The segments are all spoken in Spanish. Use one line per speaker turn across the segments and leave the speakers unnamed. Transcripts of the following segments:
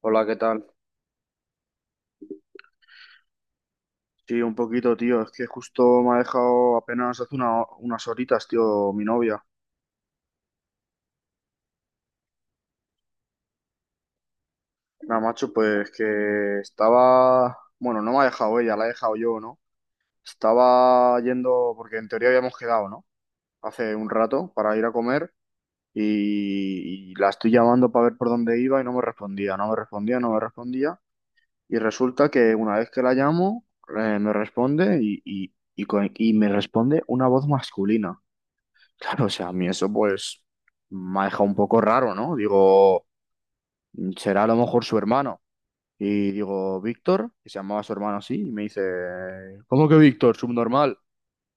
Hola, ¿qué tal? Sí, un poquito, tío. Es que justo me ha dejado apenas hace unas horitas, tío, mi novia. Nada, macho, pues que bueno, no me ha dejado ella, la he dejado yo, ¿no? Estaba yendo, porque en teoría habíamos quedado, ¿no? Hace un rato para ir a comer y la estoy llamando para ver por dónde iba y no me respondía, no me respondía, no me respondía. Y resulta que una vez que la llamo, me responde y me responde una voz masculina. Claro, o sea, a mí eso pues me ha dejado un poco raro, ¿no? Digo, será a lo mejor su hermano. Y digo, Víctor, que se llamaba su hermano así, y me dice, ¿cómo que Víctor? Subnormal.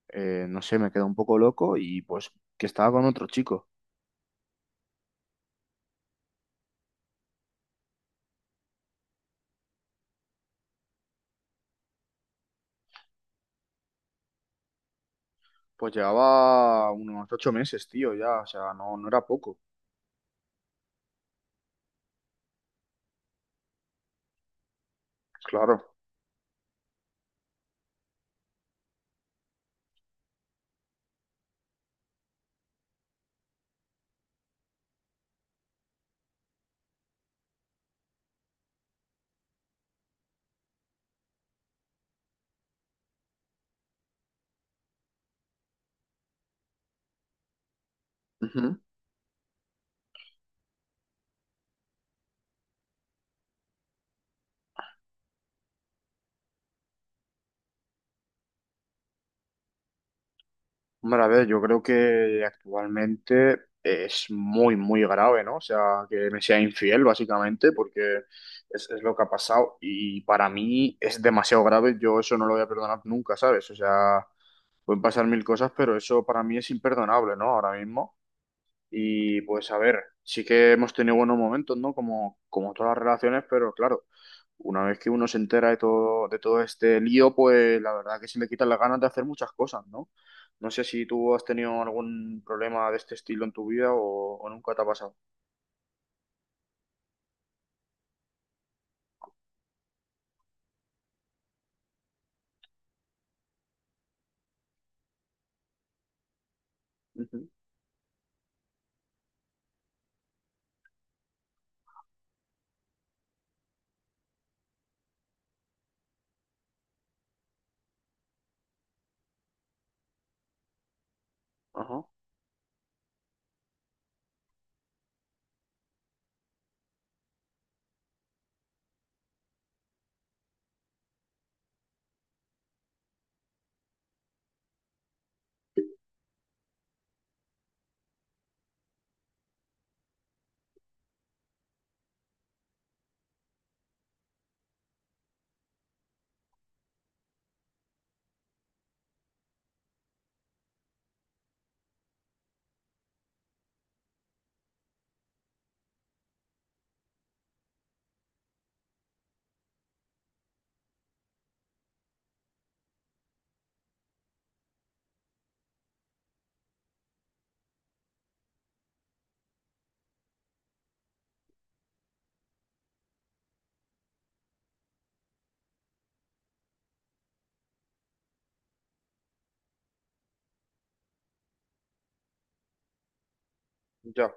No sé, me quedé un poco loco y pues que estaba con otro chico. Pues llevaba unos 8 meses, tío, ya, o sea, no, no era poco. Claro. Ujú. Hombre, a ver, yo creo que actualmente es muy, muy grave, ¿no? O sea, que me sea infiel, básicamente, porque es lo que ha pasado. Y para mí es demasiado grave, yo eso no lo voy a perdonar nunca, ¿sabes? O sea, pueden pasar mil cosas, pero eso para mí es imperdonable, ¿no? Ahora mismo. Y pues a ver, sí que hemos tenido buenos momentos, ¿no? Como todas las relaciones, pero claro, una vez que uno se entera de todo este lío, pues la verdad que se le quitan las ganas de hacer muchas cosas, ¿no? No sé si tú has tenido algún problema de este estilo en tu vida o nunca te ha pasado. Ujú. Ajá. Ya,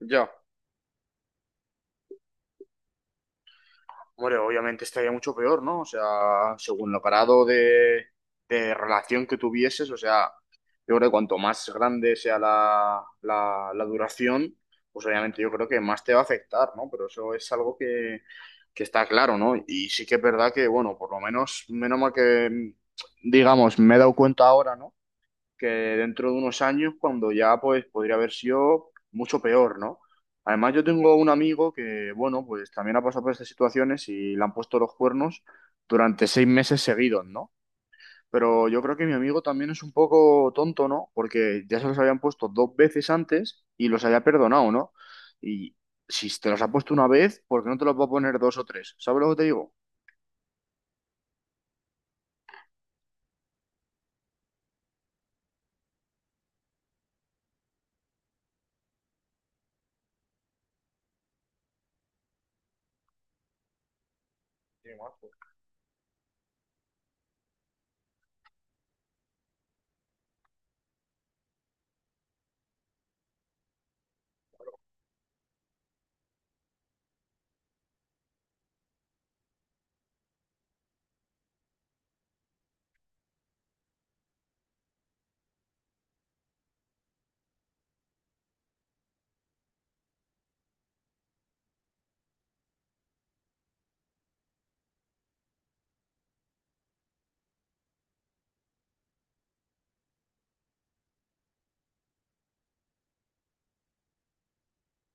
ya. Hombre, obviamente estaría mucho peor, ¿no? O sea, según lo parado de relación que tuvieses, o sea, yo creo que cuanto más grande sea la duración, pues obviamente yo creo que más te va a afectar, ¿no? Pero eso es algo que está claro, ¿no? Y sí que es verdad que, bueno, por lo menos, menos mal que, digamos, me he dado cuenta ahora, ¿no? Que dentro de unos años, cuando ya pues podría haber sido mucho peor, ¿no? Además, yo tengo un amigo que, bueno, pues también ha pasado por estas situaciones y le han puesto los cuernos durante 6 meses seguidos, ¿no? Pero yo creo que mi amigo también es un poco tonto, ¿no? Porque ya se los habían puesto dos veces antes y los había perdonado, ¿no? Y si te los ha puesto una vez, ¿por qué no te los va a poner dos o tres? ¿Sabes lo que te digo? Sí, macho.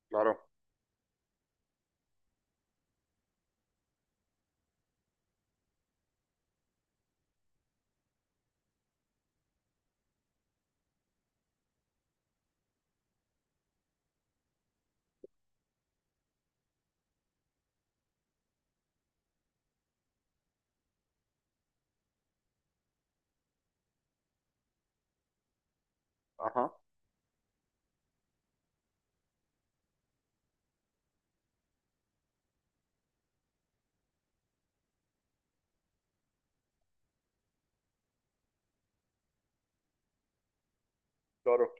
Claro, ajá. Claro.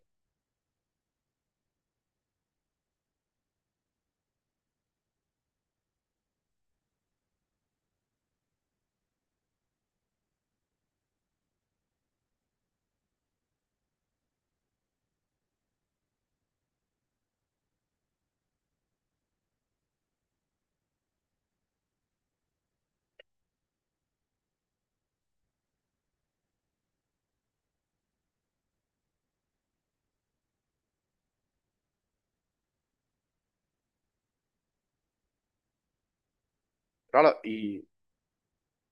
Claro, y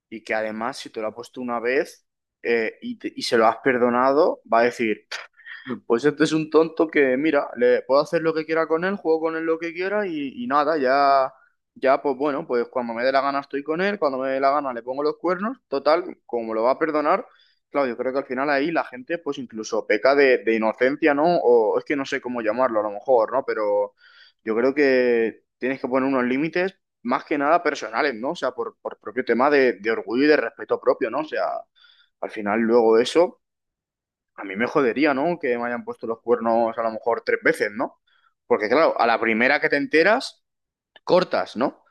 Y que además, si te lo ha puesto una vez y se lo has perdonado, va a decir, pues este es un tonto que, mira, le puedo hacer lo que quiera con él, juego con él lo que quiera y nada, ya, ya, pues bueno, pues cuando me dé la gana estoy con él, cuando me dé la gana le pongo los cuernos, total, como lo va a perdonar, claro, yo creo que al final ahí la gente pues incluso peca de inocencia, ¿no? O es que no sé cómo llamarlo a lo mejor, ¿no? Pero yo creo que tienes que poner unos límites más que nada personales, ¿no? O sea, por propio tema de orgullo y de respeto propio, ¿no? O sea... Al final, luego eso, a mí me jodería, ¿no? Que me hayan puesto los cuernos a lo mejor tres veces, ¿no? Porque claro, a la primera que te enteras, cortas, ¿no?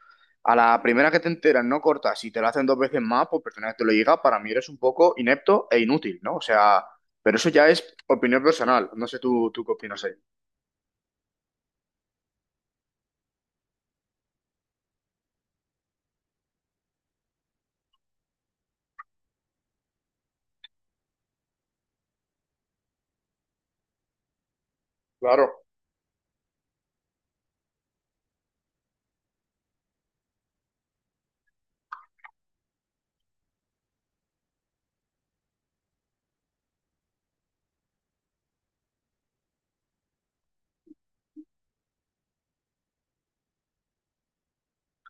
A la primera que te enteras, no cortas. Si te lo hacen dos veces más, pues persona que te lo diga, para mí eres un poco inepto e inútil, ¿no? O sea, pero eso ya es opinión personal. No sé tú, tú qué opinas ahí. Claro,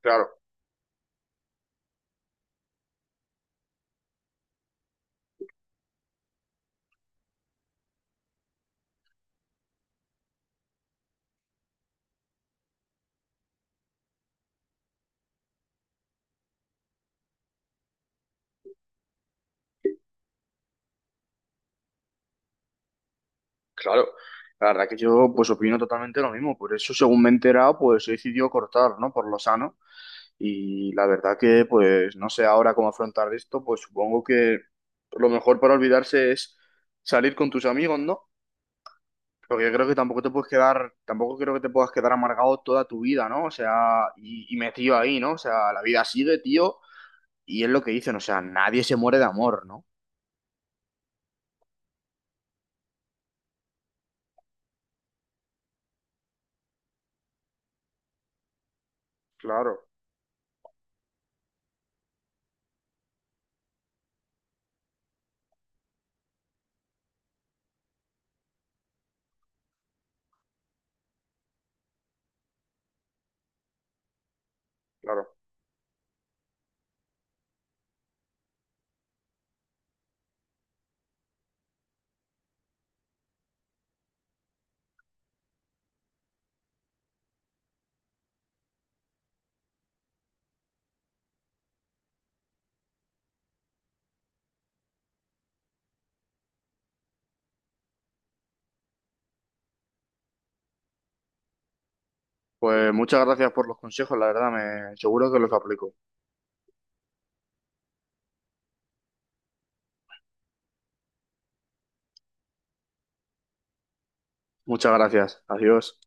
claro, claro. La verdad que yo pues opino totalmente lo mismo. Por eso, según me he enterado, pues he decidido cortar, ¿no? Por lo sano. Y la verdad que, pues, no sé ahora cómo afrontar esto, pues supongo que lo mejor para olvidarse es salir con tus amigos, ¿no? Porque yo creo que tampoco te puedes quedar, tampoco creo que te puedas quedar amargado toda tu vida, ¿no? O sea, y metido ahí, ¿no? O sea, la vida sigue, tío, y es lo que dicen, o sea, nadie se muere de amor, ¿no? Claro, claro. Pues muchas gracias por los consejos, la verdad, me seguro que los aplico. Muchas gracias. Adiós.